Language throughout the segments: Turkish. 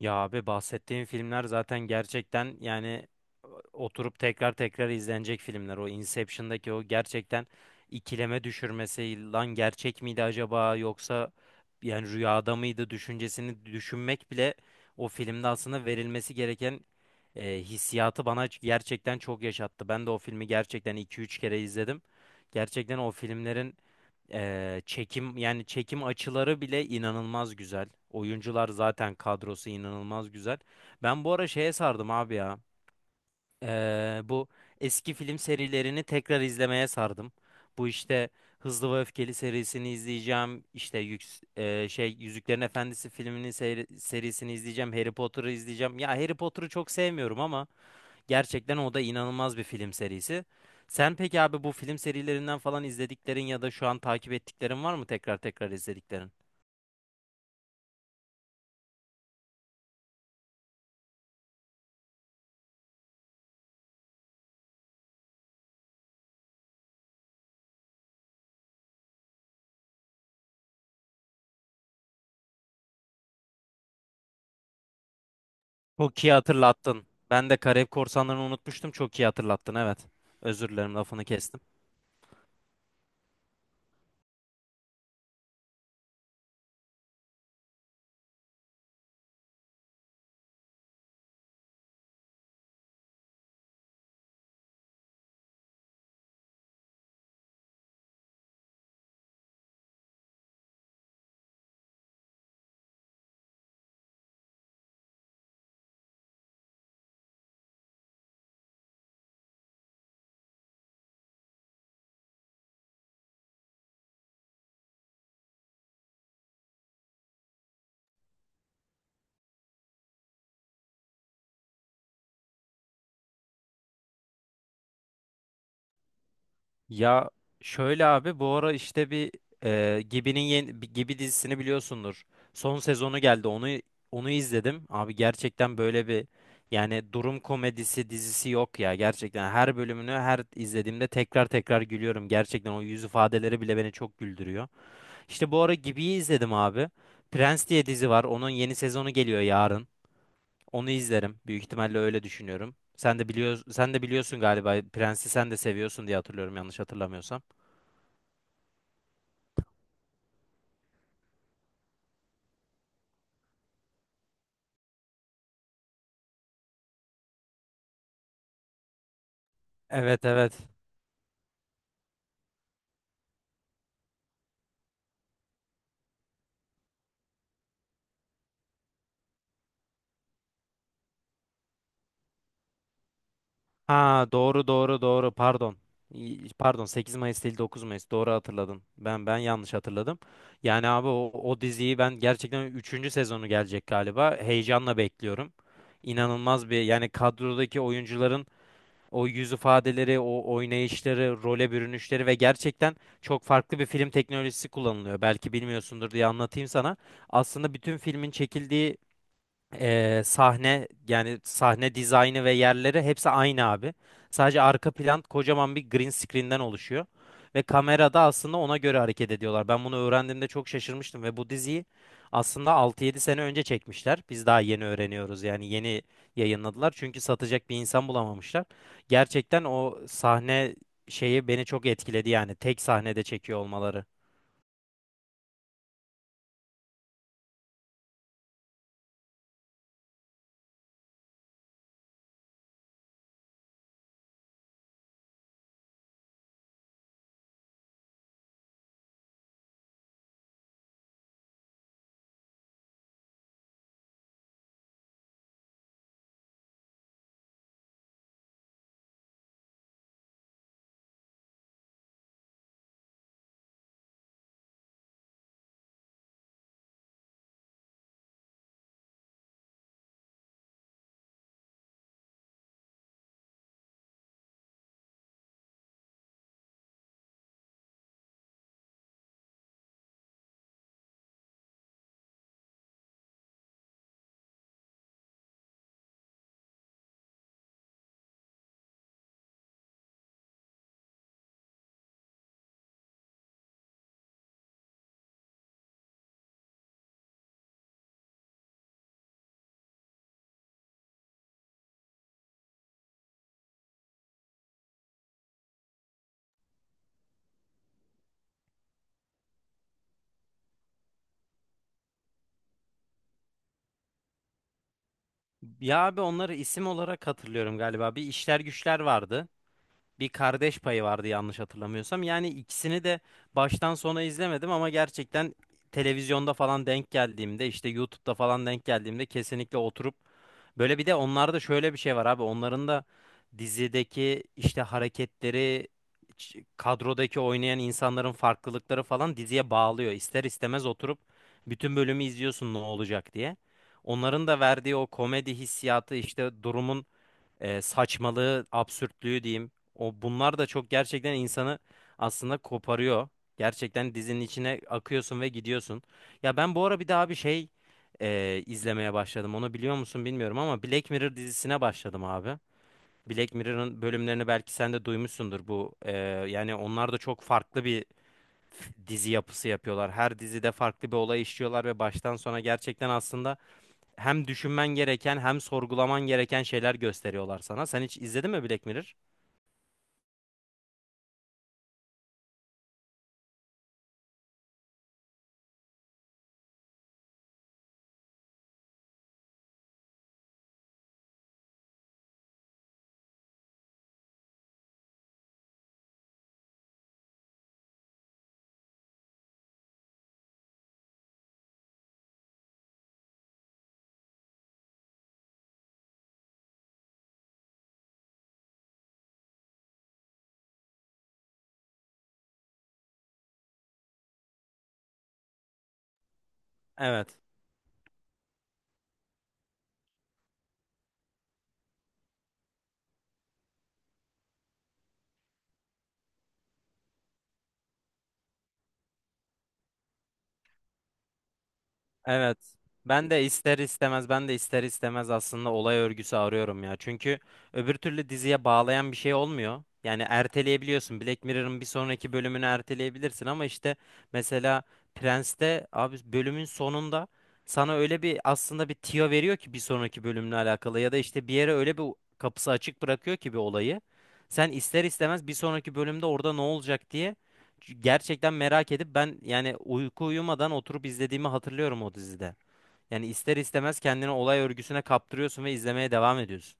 Ya abi bahsettiğim filmler zaten gerçekten oturup tekrar tekrar izlenecek filmler. O Inception'daki o gerçekten ikileme düşürmesi lan gerçek miydi acaba yoksa yani rüyada mıydı düşüncesini düşünmek bile o filmde aslında verilmesi gereken hissiyatı bana gerçekten çok yaşattı. Ben de o filmi gerçekten iki üç kere izledim. Gerçekten o filmlerin çekim yani çekim açıları bile inanılmaz güzel. Oyuncular zaten kadrosu inanılmaz güzel. Ben bu ara şeye sardım abi ya. Bu eski film serilerini tekrar izlemeye sardım. Bu işte Hızlı ve Öfkeli serisini izleyeceğim. İşte Yüzüklerin Efendisi filminin serisini izleyeceğim. Harry Potter'ı izleyeceğim. Ya Harry Potter'ı çok sevmiyorum ama gerçekten o da inanılmaz bir film serisi. Sen peki abi bu film serilerinden falan izlediklerin ya da şu an takip ettiklerin var mı, tekrar tekrar izlediklerin? Çok iyi hatırlattın. Ben de Karayip Korsanları'nı unutmuştum. Çok iyi hatırlattın, evet. Özür dilerim, lafını kestim. Ya şöyle abi, bu ara işte Gibi'nin, yeni bir Gibi dizisini biliyorsundur. Son sezonu geldi. Onu izledim. Abi gerçekten böyle bir, yani durum komedisi dizisi yok ya. Gerçekten her bölümünü her izlediğimde tekrar tekrar gülüyorum. Gerçekten o yüz ifadeleri bile beni çok güldürüyor. İşte bu ara Gibi'yi izledim abi. Prens diye dizi var. Onun yeni sezonu geliyor yarın. Onu izlerim, büyük ihtimalle öyle düşünüyorum. Sen de biliyorsun galiba, Prens'i sen de seviyorsun diye hatırlıyorum, yanlış hatırlamıyorsam. Evet, evet. Ha doğru, doğru, doğru, pardon. İyi, pardon, 8 Mayıs değil 9 Mayıs, doğru hatırladın. Ben yanlış hatırladım. Yani abi o, o diziyi ben gerçekten, üçüncü sezonu gelecek galiba. Heyecanla bekliyorum. İnanılmaz bir, yani kadrodaki oyuncuların o yüz ifadeleri, o oynayışları, role bürünüşleri ve gerçekten çok farklı bir film teknolojisi kullanılıyor. Belki bilmiyorsundur diye anlatayım sana. Aslında bütün filmin çekildiği sahne, yani sahne dizaynı ve yerleri hepsi aynı abi. Sadece arka plan kocaman bir green screen'den oluşuyor. Ve kamerada aslında ona göre hareket ediyorlar. Ben bunu öğrendiğimde çok şaşırmıştım ve bu diziyi aslında altı yedi sene önce çekmişler. Biz daha yeni öğreniyoruz, yani yeni yayınladılar. Çünkü satacak bir insan bulamamışlar. Gerçekten o sahne şeyi beni çok etkiledi, yani tek sahnede çekiyor olmaları. Ya abi, onları isim olarak hatırlıyorum galiba. Bir işler güçler vardı, bir Kardeş Payı vardı yanlış hatırlamıyorsam. Yani ikisini de baştan sona izlemedim ama gerçekten televizyonda falan denk geldiğimde, işte YouTube'da falan denk geldiğimde kesinlikle oturup, böyle bir de onlarda şöyle bir şey var abi, onların da dizideki işte hareketleri, kadrodaki oynayan insanların farklılıkları falan diziye bağlıyor. İster istemez oturup bütün bölümü izliyorsun ne olacak diye. Onların da verdiği o komedi hissiyatı, işte durumun saçmalığı, absürtlüğü diyeyim. O, bunlar da çok gerçekten insanı aslında koparıyor. Gerçekten dizinin içine akıyorsun ve gidiyorsun. Ya ben bu ara bir daha bir şey izlemeye başladım. Onu biliyor musun bilmiyorum ama Black Mirror dizisine başladım abi. Black Mirror'ın bölümlerini belki sen de duymuşsundur bu. Yani onlar da çok farklı bir dizi yapısı yapıyorlar. Her dizide farklı bir olay işliyorlar ve baştan sona gerçekten aslında hem düşünmen gereken hem sorgulaman gereken şeyler gösteriyorlar sana. Sen hiç izledin mi Black Mirror? Evet. Evet. Ben de ister istemez aslında olay örgüsü arıyorum ya. Çünkü öbür türlü diziye bağlayan bir şey olmuyor. Yani erteleyebiliyorsun. Black Mirror'ın bir sonraki bölümünü erteleyebilirsin ama işte mesela Prens'te abi, bölümün sonunda sana öyle bir aslında bir tüyo veriyor ki bir sonraki bölümle alakalı, ya da işte bir yere öyle bir kapısı açık bırakıyor ki bir olayı. Sen ister istemez bir sonraki bölümde orada ne olacak diye gerçekten merak edip, ben yani uyku uyumadan oturup izlediğimi hatırlıyorum o dizide. Yani ister istemez kendini olay örgüsüne kaptırıyorsun ve izlemeye devam ediyorsun.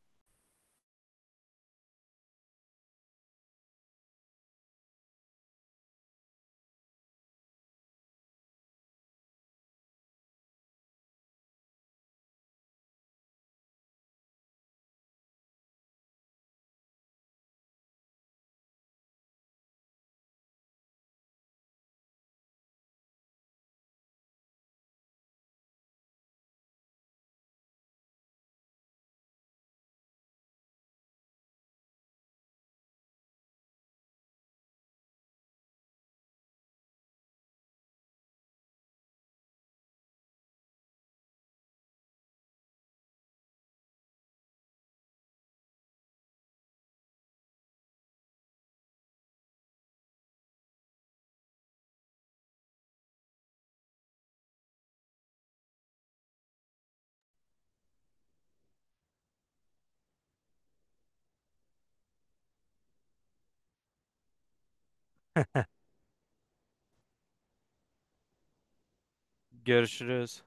Görüşürüz.